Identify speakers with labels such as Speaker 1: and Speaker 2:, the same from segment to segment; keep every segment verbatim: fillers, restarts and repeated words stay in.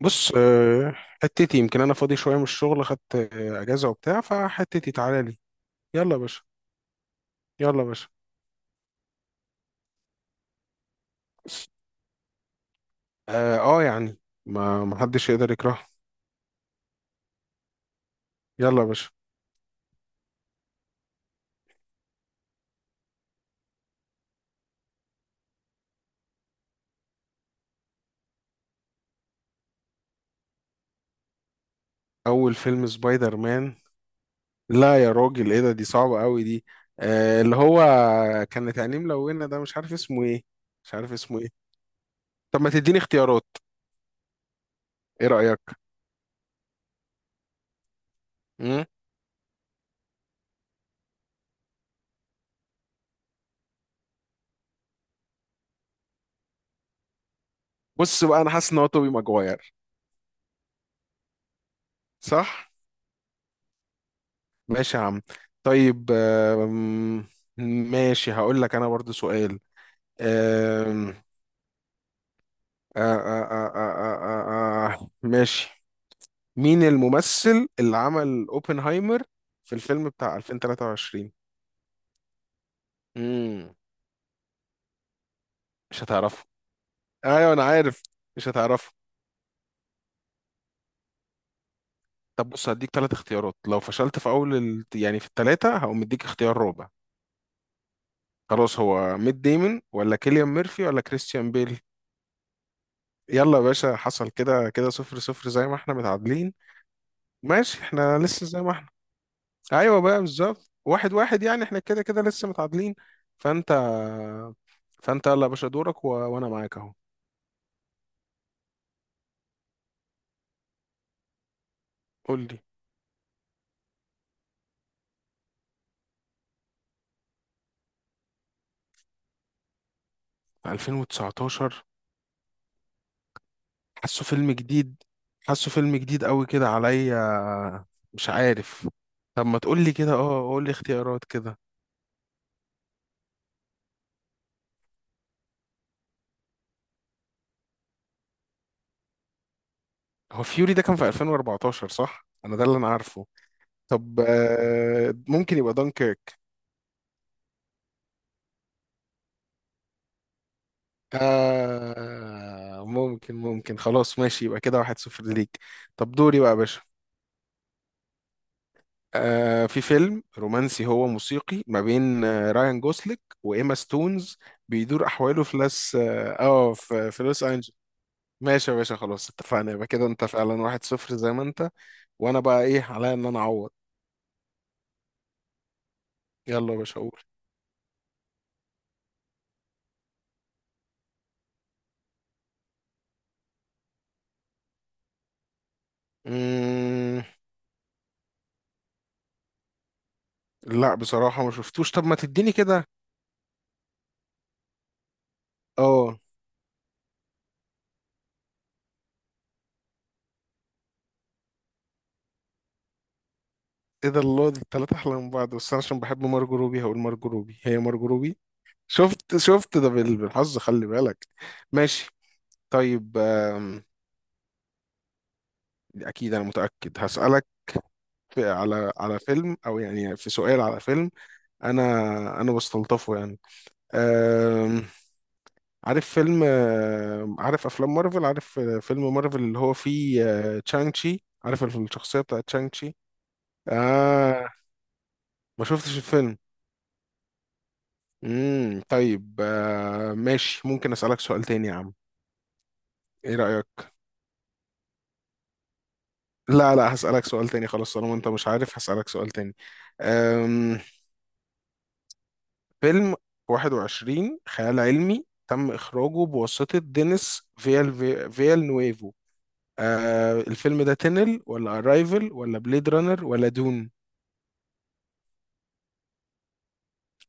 Speaker 1: بص، آه، حتتي يمكن انا فاضي شويه من الشغل، خدت آه، اجازه وبتاع، فحتتي تعالى لي. يلا يا باشا. يلا يا باشا. اه، آه يعني ما ما حدش يقدر يكرهها. يلا يا باشا. اول فيلم سبايدر مان؟ لا يا راجل، ايه ده؟ دي صعبه قوي دي. آه اللي هو، كانت عينيه ملونه ده، مش عارف اسمه ايه. مش عارف اسمه ايه. طب ما تديني اختيارات. ايه رايك؟ مم؟ بص بقى، انا حاسس ان هو توبي ماجواير. صح. ماشي يا عم. طيب آه ماشي، هقول لك انا برضو سؤال. أم... آه آه آه آه آه آه. آه، آه. ماشي. مين الممثل اللي عمل اوبنهايمر في الفيلم بتاع الفين وتلاتة وعشرين؟ امم. مش هتعرفه. ايوه، انا عارف. مش هتعرفه. طب بص، هديك ثلاث اختيارات، لو فشلت في اول ال... يعني في الثلاثه هقوم مديك اختيار رابع. خلاص، هو ميت ديمون ولا كيليان ميرفي ولا كريستيان بيل؟ يلا يا باشا، حصل كده، كده صفر صفر زي ما احنا متعادلين. ماشي، احنا لسه زي ما احنا. ايوه بقى، بالظبط واحد واحد يعني احنا كده كده لسه متعادلين. فانت فانت يلا يا باشا، دورك و... وانا معاك اهو. قول لي. ألفين وتسعة عشر. حاسه فيلم جديد. حاسه فيلم جديد قوي كده عليا. مش عارف. طب، ما تقول لي كده، اه قول لي اختيارات كده. هو فيوري ده كان في الفين واربعتاشر، صح؟ انا ده اللي انا عارفه. طب آه، ممكن يبقى دانكيرك. آه ممكن ممكن. خلاص ماشي، يبقى كده واحد صفر ليك. طب دوري بقى يا باشا. آه في فيلم رومانسي هو موسيقي ما بين آه رايان جوسليك وإيما ستونز. بيدور أحواله في لاس اه آه، في, في لوس أنجلوس. ماشي يا باشا، خلاص اتفقنا، يبقى كده انت فعلا واحد صفر زي ما انت. وانا بقى ايه عليا؟ ان انا اعوض. يلا يا باشا، اقول. مم. لا بصراحة، ما شفتوش. طب ما تديني كده اه ايه ده، الله! دي التلاتة احلى من بعض، بس انا عشان بحب مارجو روبي هقول مارجو روبي. هي مارجو روبي. شفت، شفت ده بال- بالحظ، خلي بالك. ماشي. طيب آم، اكيد انا متاكد، هسالك. في على على فيلم، او يعني في سؤال على فيلم. انا انا بستلطفه يعني. أم... عارف فيلم أم، عارف افلام مارفل، عارف آه، فيلم مارفل اللي هو فيه، أه، تشانج تشي، عارف الشخصيه بتاعت تشانج تشي؟ اه. ما شفتش الفيلم. امم طيب آه ماشي، ممكن اسالك سؤال تاني يا عم؟ ايه رايك؟ لا، لا، هسالك سؤال تاني. خلاص، طالما انت مش عارف هسالك سؤال تاني. أم... فيلم واحد وعشرين خيال علمي تم إخراجه بواسطة دينيس فيال، فيال نويفو. آه الفيلم ده تنل ولا أرايفل ولا بليد رانر ولا دون؟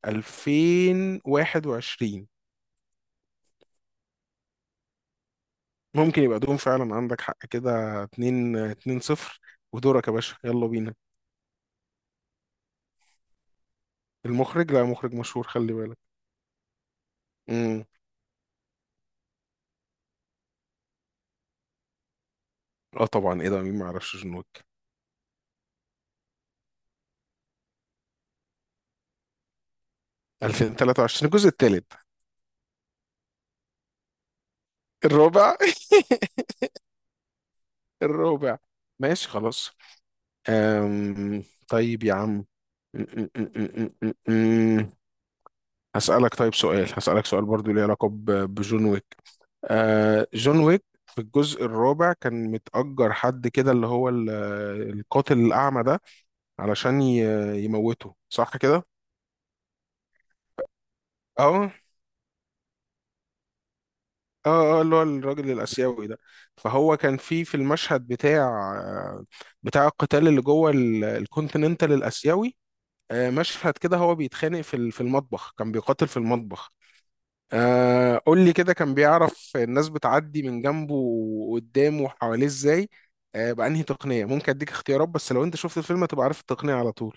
Speaker 1: ألفين وواحد وعشرين. ممكن يبقى دون فعلا، عندك حق، كده اثنين اثنين صفر. ودورك يا باشا، يلا بينا. المخرج، لا مخرج مشهور، خلي بالك. امم. اه طبعا، ايه ده، مين ما يعرفش جون ويك؟ ألفين وثلاثة وعشرين الجزء الثالث. الرابع. الرابع. ماشي خلاص. أم... طيب يا عم، م- م- م- م- م- م. هسألك طيب سؤال، هسألك سؤال برضو ليه علاقة ب- بجون ويك. آه جون ويك في الجزء الرابع كان متأجر حد كده اللي هو ال- القاتل الأعمى ده، علشان ي- يموته صح كده؟ اه، اه، اه، اللي هو الراجل الآسيوي ده. فهو كان في في المشهد بتاع، بتاع القتال اللي جوه ال- الكونتيننتال الآسيوي. آه، مشهد كده هو بيتخانق في ال- في المطبخ، كان بيقاتل في المطبخ. آه قول لي كده، كان بيعرف الناس بتعدي من جنبه وقدامه وحواليه ازاي؟ آه بأنهي تقنية؟ ممكن اديك اختيارات، بس لو انت شفت الفيلم هتبقى عارف التقنية على طول.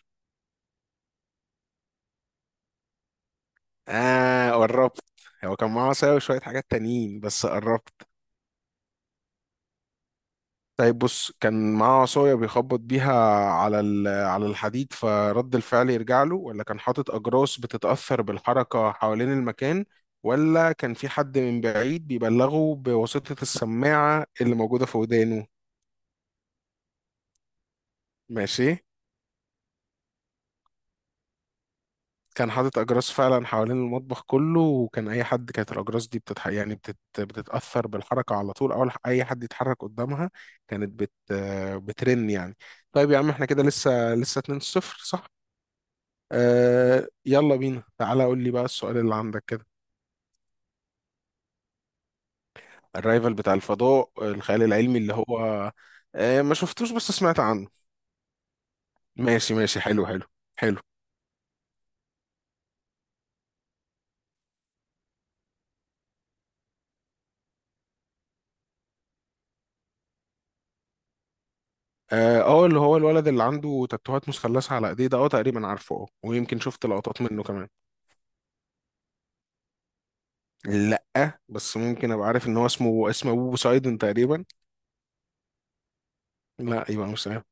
Speaker 1: اه، قربت. هو كان معاه عصاية وشوية حاجات تانيين، بس قربت. طيب بص، كان معاه عصاية بيخبط بيها على ال- على الحديد فرد الفعل يرجع له، ولا كان حاطط أجراس بتتأثر بالحركة حوالين المكان، ولا كان في حد من بعيد بيبلغه بواسطة السماعة اللي موجودة في ودانه؟ ماشي. كان حاطط اجراس فعلا حوالين المطبخ كله، وكان اي حد، كانت الاجراس دي بتتح... يعني بتت... بتتاثر بالحركه على طول، اول ح- اي حد يتحرك قدامها. كانت بت... آه، بترن يعني. طيب يا عم، احنا كده لسه لسه اتنين صفر. صح. آه يلا بينا، تعالى قول لي بقى السؤال اللي عندك كده. الرايفل بتاع الفضاء، الخيال العلمي اللي هو؟ آه ما شفتوش بس سمعت عنه. ماشي ماشي، حلو حلو. حلو. اه، آه، اللي هو الولد اللي عنده تاتوهات مثلثة على ايديه ده، اه تقريبا عارفه، اه ويمكن شفت لقطات منه كمان. لا بس ممكن ابقى عارف ان هو اسمه اسمه ابو بوسايدون تقريبا. لا، يبقى مش ده.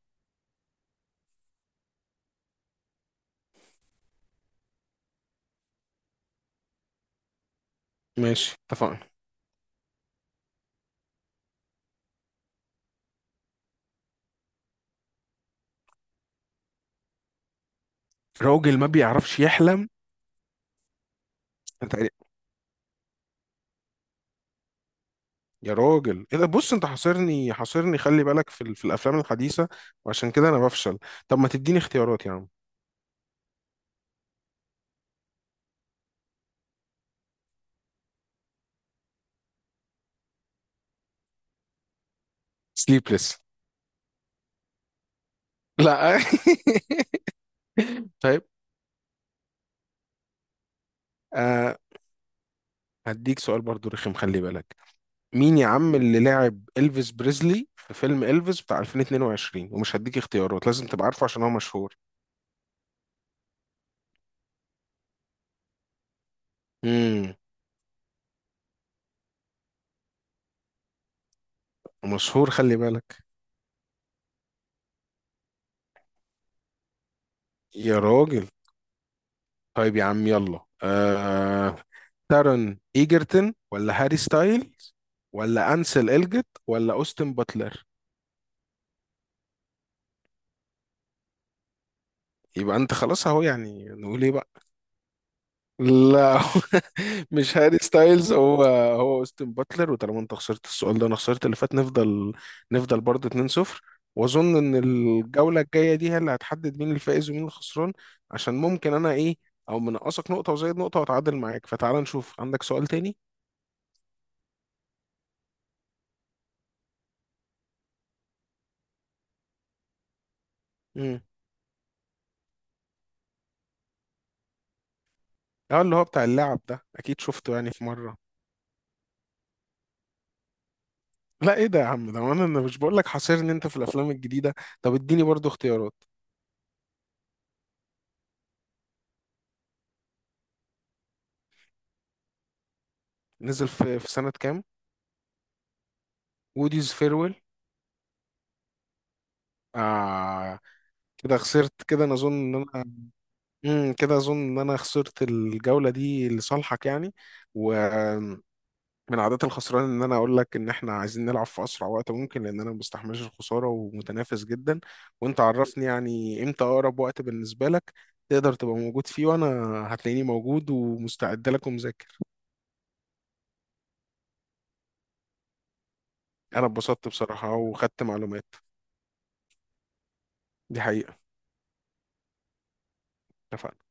Speaker 1: ماشي اتفقنا. راجل ما بيعرفش يحلم؟ تقريبا. يا راجل ايه ده، بص انت حاصرني حاصرني، خلي بالك في, ال... في الافلام الحديثه، وعشان كده انا بفشل. طب ما تديني اختيارات يا عم. سليبلس. لا. طيب آه هديك سؤال برضو رخم، خلي بالك. مين يا عم اللي لعب إلفيس بريزلي في فيلم إلفيس بتاع الفين واتنين وعشرين؟ ومش هديك اختيارات، لازم تبقى عارفه عشان هو مشهور. امم. مشهور، خلي بالك. يا راجل. طيب يا عم، يلا آه... تارون ايجرتون ولا هاري ستايلز، ولا انسل الجت ولا اوستن باتلر؟ يبقى انت خلاص اهو، يعني نقول ايه بقى؟ لا. مش هاري ستايلز هو. هو اوستن باتلر، وطالما انت خسرت السؤال ده وانا خسرت اللي فات، نفضل. نفضل برضه اتنين صفر. واظن ان الجوله الجايه دي هي اللي هتحدد مين الفائز ومين الخسران. عشان ممكن انا ايه، او منقصك نقطه وزيد نقطه واتعادل معاك. فتعال نشوف عندك سؤال تاني. مم. اه، اللي هو بتاع اللعب ده، اكيد شفته يعني في مره. لا ايه ده يا عم؟ ده وانا انا مش بقول لك حاصرني انت في الافلام الجديده. طب اديني برضو اختيارات. نزل في في سنه كام؟ ووديز فيرويل. آه. كده خسرت، كده انا اظن ان انا، امم كده اظن ان انا خسرت الجوله دي لصالحك يعني. و، من عادات الخسران ان انا اقول لك ان احنا عايزين نلعب في اسرع وقت ممكن، لان انا ما بستحملش الخساره ومتنافس جدا. وانت عرفني يعني امتى اقرب وقت بالنسبه لك، تقدر تبقى موجود فيه، وانا هتلاقيني موجود ومستعد لك ومذاكر. انا اتبسطت بصراحه وخدت معلومات. دي حقيقه. اتفقنا.